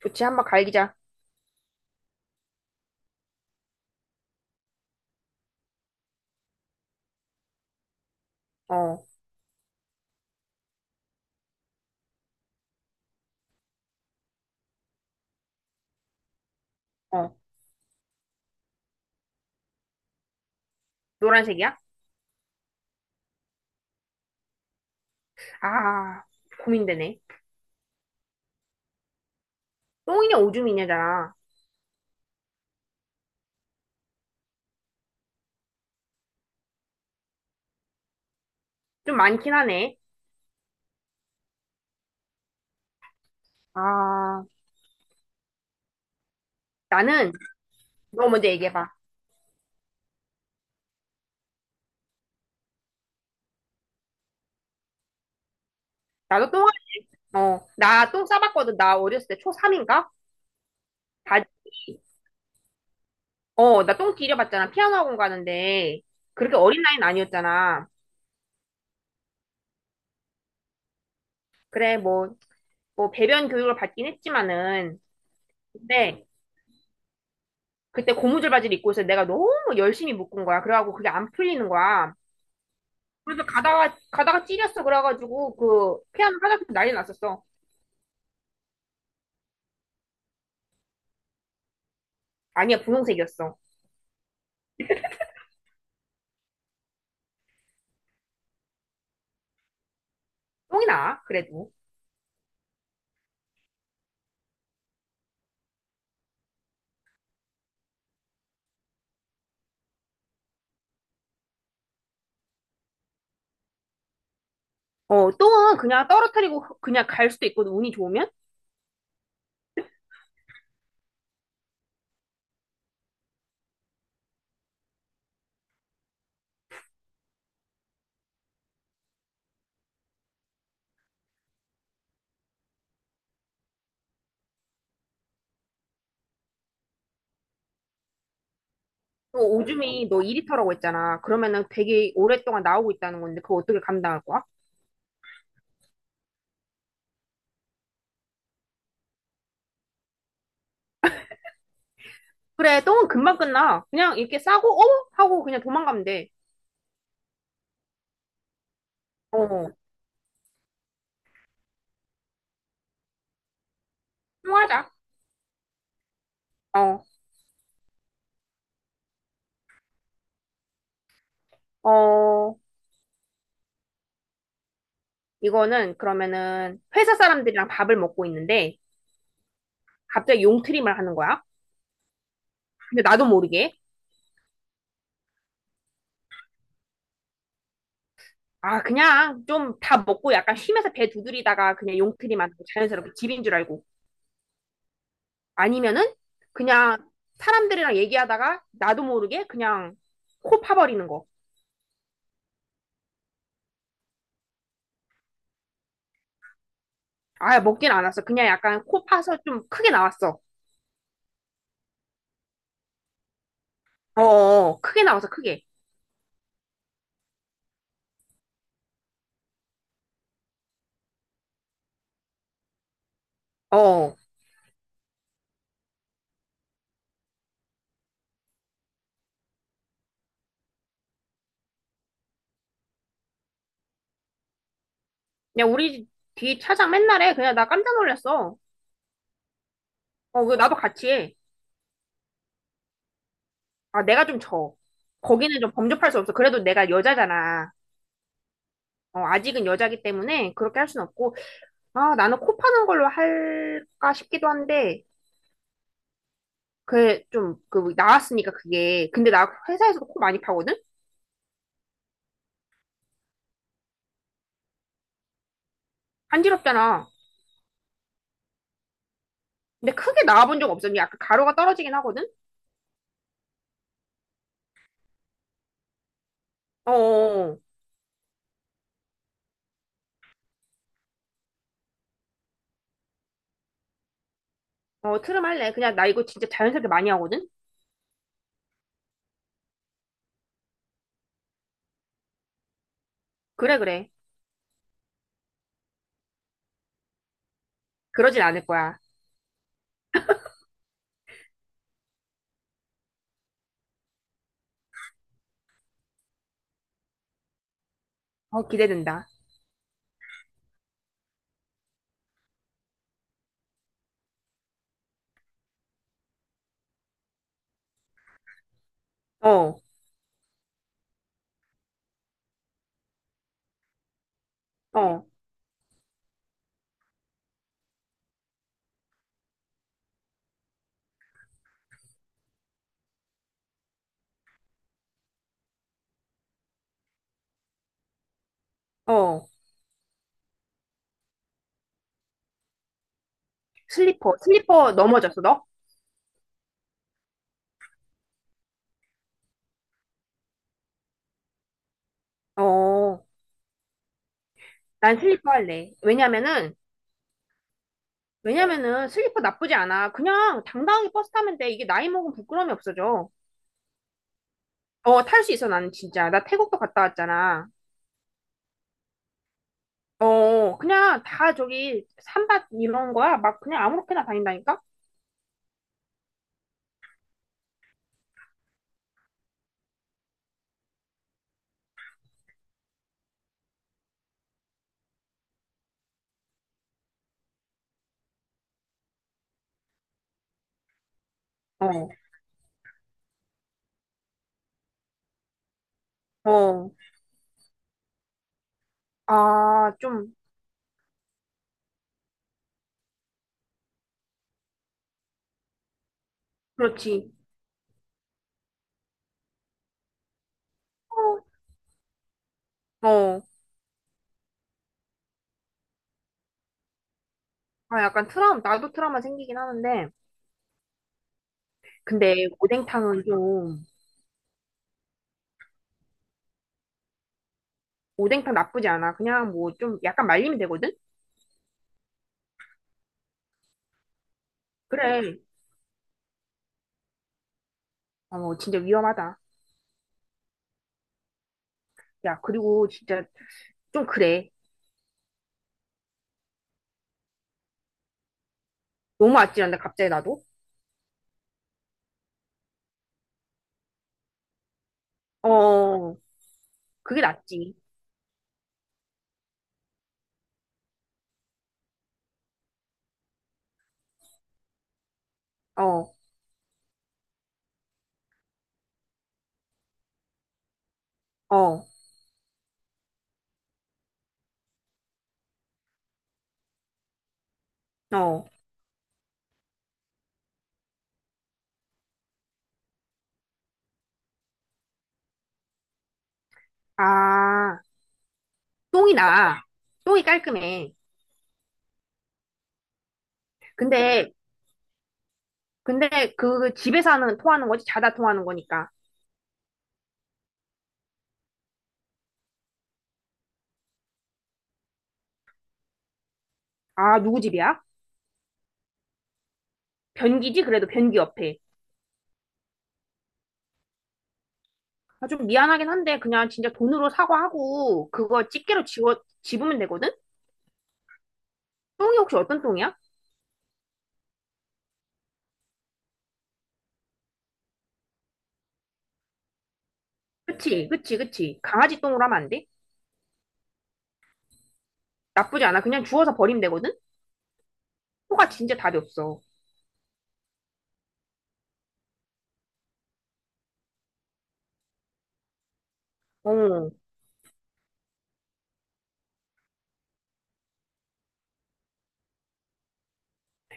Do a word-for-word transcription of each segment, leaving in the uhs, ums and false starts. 좋지, 한번 갈기자. 어, 어. 노란색이야? 아, 고민되네. 똥이냐, 오줌이냐잖아. 좀 많긴 하네. 아, 나는, 너 먼저 얘기해봐. 나도 똥, 어, 나 똥 싸봤거든. 나 어렸을 때 초삼인가? 바지, 어, 나 똥 길여봤잖아. 피아노 학원 가는데. 그렇게 어린 나이는 아니었잖아. 그래, 뭐, 뭐, 배변 교육을 받긴 했지만은. 근데, 그때 고무줄 바지를 입고 있어. 내가 너무 열심히 묶은 거야. 그래갖고 그게 안 풀리는 거야. 가다가 가다가 찔렸어. 그래가지고 그 피하는 화장품 난리 났었어. 아니야, 분홍색이었어. 똥이 나, 그래도. 어, 똥은 그냥 떨어뜨리고 그냥 갈 수도 있거든, 운이 좋으면. 또 오줌이 너 이 리터라고 했잖아. 그러면은 되게 오랫동안 나오고 있다는 건데 그거 어떻게 감당할 거야? 그래, 똥은 금방 끝나. 그냥 이렇게 싸고 어 하고 그냥 도망가면 돼. 어, 통하자. 어. 어, 이거는 그러면은 회사 사람들이랑 밥을 먹고 있는데 갑자기 용트림을 하는 거야. 근데 나도 모르게. 아, 그냥 좀 다 먹고 약간 쉬면서 배 두드리다가 그냥 용트리만 하고 자연스럽게 집인 줄 알고. 아니면은 그냥 사람들이랑 얘기하다가 나도 모르게 그냥 코 파버리는 거. 아, 먹진 않았어. 그냥 약간 코 파서 좀 크게 나왔어. 어어, 크게 나왔어, 크게. 어, 어. 그냥 우리 뒤 차장 맨날 해. 그냥 나 깜짝 놀랐어. 어, 그 나도 같이 해. 아, 내가 좀 져. 거기는 좀 범접할 수 없어. 그래도 내가 여자잖아. 어, 아직은 여자기 때문에 그렇게 할 순 없고. 아, 나는 코 파는 걸로 할까 싶기도 한데, 그, 좀, 그, 나왔으니까 그게. 근데 나 회사에서도 코 많이 파거든? 간지럽잖아. 근데 크게 나와본 적 없어. 약간 가루가 떨어지긴 하거든? 어어. 어, 어, 트름 할래. 그냥 나 이거 진짜 자연스럽게 많이 하거든? 그래, 그래. 그러진 않을 거야. 어, 기대된다. 어, 어, 어. 슬리퍼, 슬리퍼 넘어졌어, 너? 어, 난 슬리퍼 할래. 왜냐면은, 왜냐면은 슬리퍼 나쁘지 않아. 그냥 당당하게 버스 타면 돼. 이게 나이 먹으면 부끄러움이 없어져. 어, 탈 수 있어, 나는 진짜. 나 태국도 갔다 왔잖아. 어, 그냥 다 저기 산밭 이런 거야. 막 그냥 아무렇게나 다닌다니까? 어, 어. 아, 좀, 그렇지. 어, 어. 아, 약간 트라우마, 나도 트라우마 생기긴 하는데. 근데 오뎅탕은 좀, 오뎅탕 나쁘지 않아. 그냥 뭐 좀 약간 말리면 되거든? 그래. 어, 진짜 위험하다. 야, 그리고 진짜 좀 그래. 너무 아찔한데, 갑자기 나도? 어, 그게 낫지. 어, 어, 어. 아. 똥이 나. 똥이 깔끔해. 근데, 근데 그 집에서 하는, 토하는 거지? 자다 토하는 거니까. 아, 누구 집이야? 변기지? 그래도 변기 옆에. 아, 좀 미안하긴 한데, 그냥 진짜 돈으로 사과하고, 그거 집게로 집어, 집으면 되거든? 똥이 혹시 어떤 똥이야? 그치, 그치, 그치. 강아지 똥으로 하면 안 돼? 나쁘지 않아. 그냥 주워서 버리면 되거든? 토가 진짜 답이 없어. 어.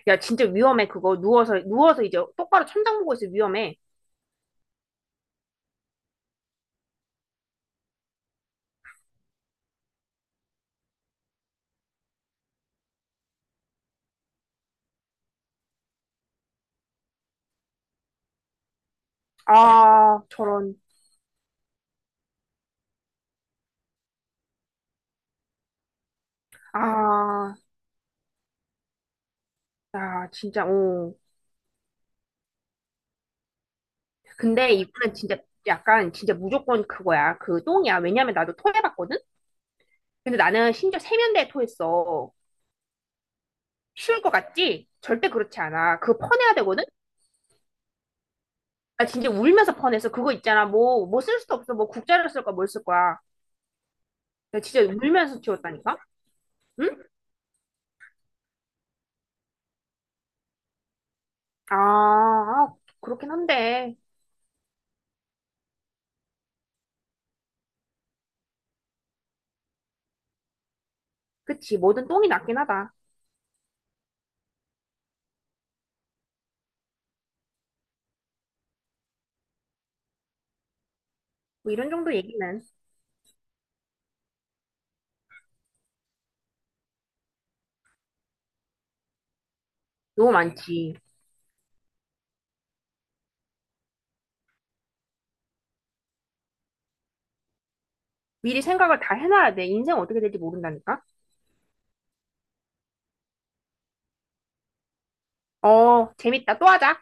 야, 진짜 위험해, 그거. 누워서, 누워서 이제 똑바로 천장 보고 있어, 위험해. 아, 저런. 아, 야, 진짜, 어. 근데 이거는 진짜 약간 진짜 무조건 그거야. 그 똥이야. 왜냐면 나도 토해봤거든? 근데 나는 심지어 세면대에 토했어. 쉬울 것 같지? 절대 그렇지 않아. 그거 퍼내야 되거든? 나 진짜 울면서 퍼냈어. 그거 있잖아. 뭐, 뭐 쓸 수도 없어. 뭐 국자를 쓸 거야. 뭘 쓸 거야. 나 진짜 울면서 치웠다니까? 응? 아, 아, 그렇긴 한데. 그치. 뭐든 똥이 낫긴 하다. 뭐 이런 정도 얘기는 너무 많지. 미리 생각을 다 해놔야 돼. 인생 어떻게 될지 모른다니까? 어, 재밌다. 또 하자.